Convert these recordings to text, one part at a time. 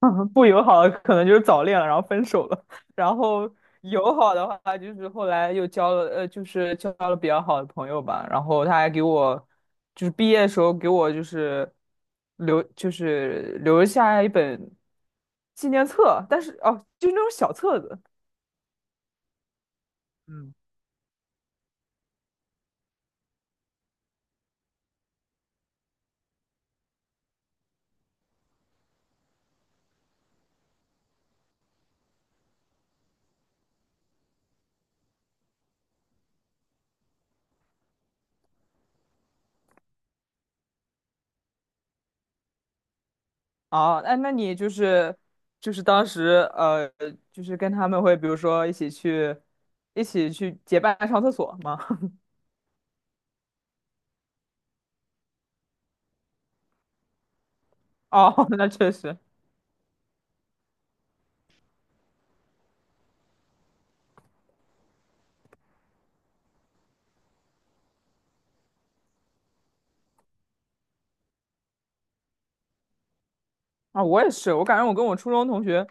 不友好的可能就是早恋了，然后分手了，然后友好的话就是后来又交了，就是交了比较好的朋友吧，然后他还给我，就是毕业的时候给我就是留下一本纪念册，但是哦，就是那种小册子。嗯，哦，那你就是就是当时就是跟他们会比如说一起去结伴上厕所吗？哦，那确实。啊，我也是，我感觉我跟我初中同学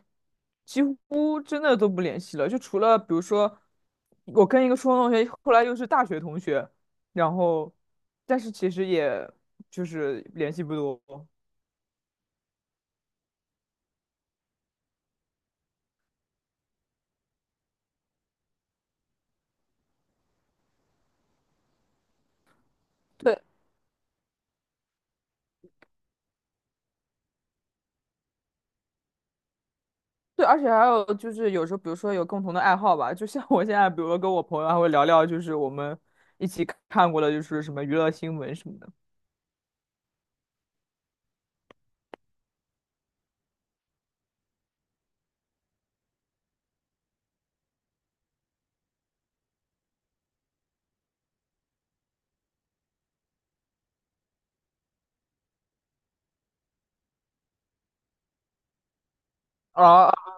几乎真的都不联系了，就除了比如说，我跟一个初中同学，后来又是大学同学，然后，但是其实也就是联系不多。对对，而且还有就是有时候，比如说有共同的爱好吧，就像我现在，比如说跟我朋友还会聊聊，就是我们一起看过的，就是什么娱乐新闻什么的。哦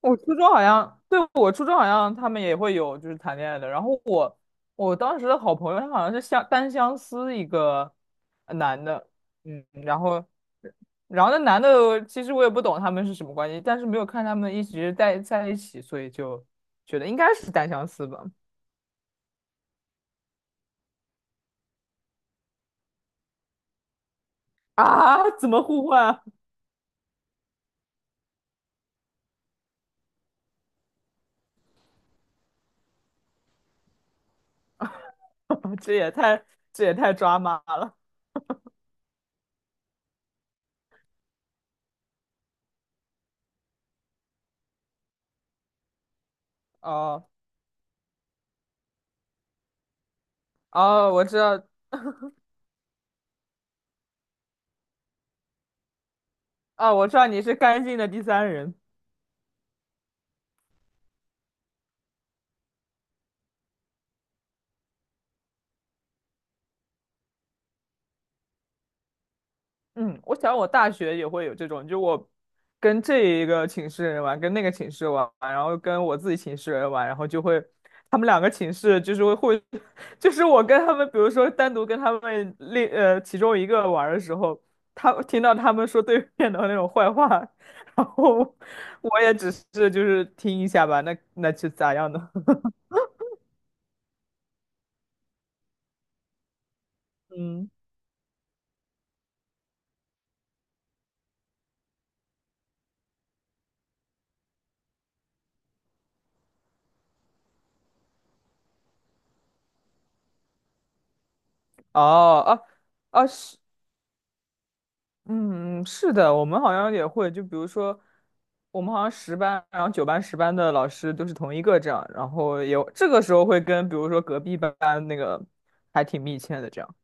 我初中好像，对，我初中好像他们也会有就是谈恋爱的。然后我当时的好朋友，他好像是相单相思一个男的，嗯，然后然后那男的其实我也不懂他们是什么关系，但是没有看他们一直在一起，所以就觉得应该是单相思吧。啊，怎么互换啊 这也太这也太抓马了。哦哦，我知道，哦，我知道你是干净的第三人。嗯，我想我大学也会有这种，就我跟这一个寝室人玩，跟那个寝室玩，然后跟我自己寝室人玩，然后就会他们两个寝室就是会，就是我跟他们，比如说单独跟他们另其中一个玩的时候，他听到他们说对面的那种坏话，然后我也只是就是听一下吧，那那就咋样呢？嗯，哦哦哦，啊啊是嗯，是的，我们好像也会，就比如说，我们好像十班，然后九班、十班的老师都是同一个这样，然后也这个时候会跟，比如说隔壁班那个还挺密切的这样。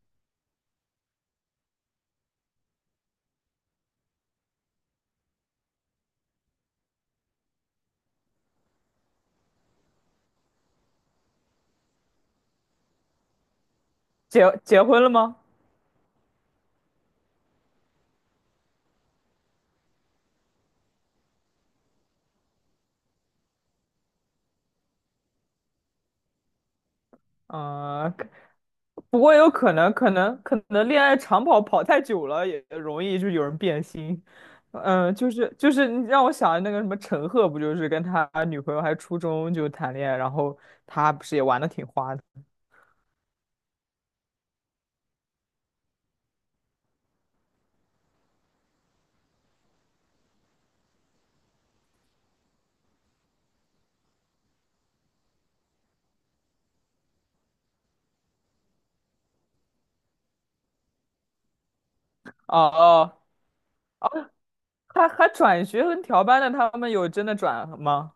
结婚了吗？嗯、可不过有可能，可能恋爱长跑跑太久了，也容易就有人变心。嗯、就是就是你让我想那个什么陈赫，不就是跟他女朋友还初中就谈恋爱，然后他不是也玩的挺花的。哦哦，他还转学跟调班的，他们有真的转吗？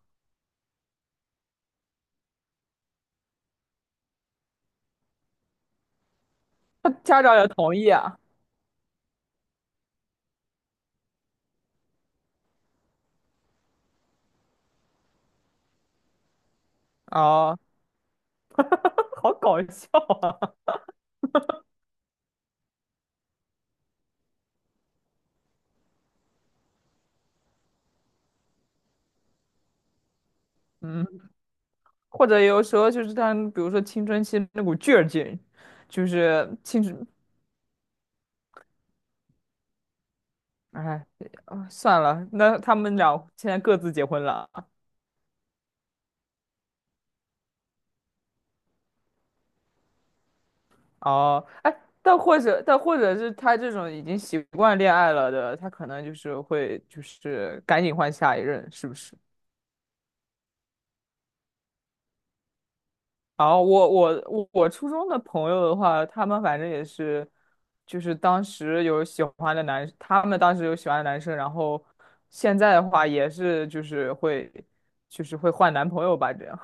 他家长也同意啊？哦，好搞笑啊！嗯，或者有时候就是他们比如说青春期那股劲儿劲，就是青春，哎，啊算了，那他们俩现在各自结婚了。哦，哎，但或者是他这种已经习惯恋爱了的，他可能就是会就是赶紧换下一任，是不是？啊，我初中的朋友的话，他们反正也是，就是当时有喜欢的男，他们当时有喜欢的男生，然后现在的话也是就是会，就是会换男朋友吧，这样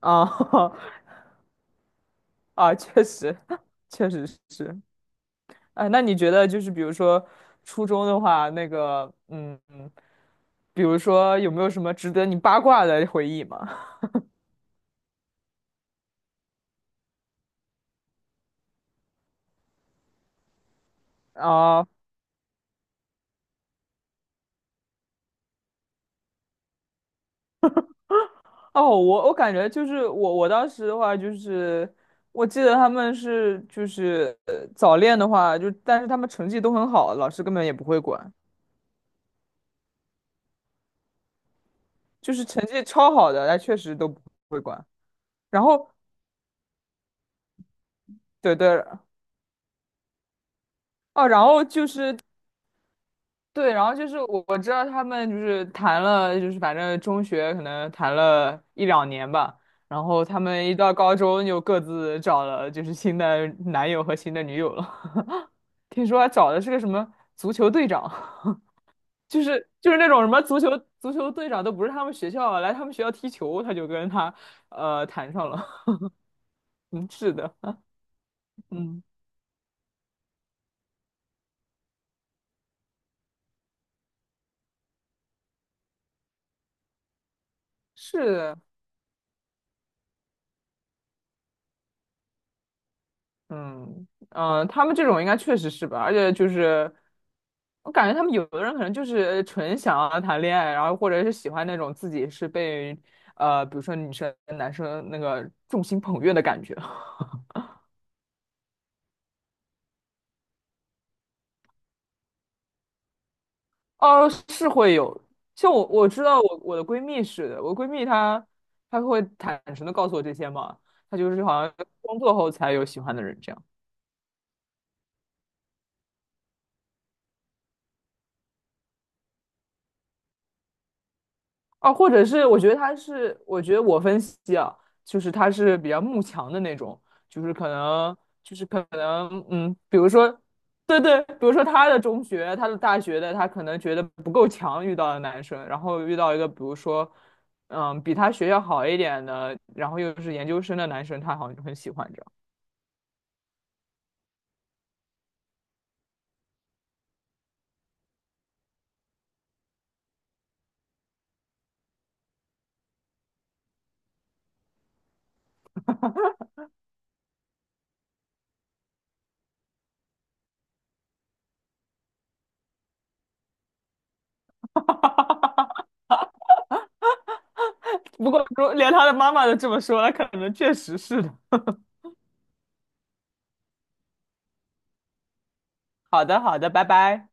啊 啊，确实 确实是，啊。那你觉得就是比如说初中的话，那个比如说有没有什么值得你八卦的回忆吗？啊哦，我我感觉就是我当时的话就是，我记得他们是就是早恋的话，就但是他们成绩都很好，老师根本也不会管，就是成绩超好的，他确实都不会管。然后对对哦，然后就是对，然后就是我知道他们就是谈了，就是反正中学可能谈了一两年吧，然后他们一到高中就各自找了就是新的男友和新的女友了。听说还找的是个什么足球队长。就是就是那种什么足球队长都不是他们学校的来他们学校踢球，他就跟他谈上了。嗯，是的，嗯，是的，嗯嗯、他们这种应该确实是吧？而且就是我感觉他们有的人可能就是纯想要谈恋爱，然后或者是喜欢那种自己是被比如说女生男生那个众星捧月的感觉。哦，是会有。像我知道我的闺蜜是的，我闺蜜她会坦诚的告诉我这些嘛，她就是好像工作后才有喜欢的人这样。哦，或者是我觉得他是，我觉得我分析啊，就是他是比较慕强的那种，就是可能，就是可能，嗯，比如说，对对，比如说他的中学、他的大学的，他可能觉得不够强，遇到的男生，然后遇到一个比如说，嗯，比他学校好一点的，然后又是研究生的男生，他好像就很喜欢这样。不过如连他的妈妈都这么说，了，可能确实是的。好的，好的，拜拜。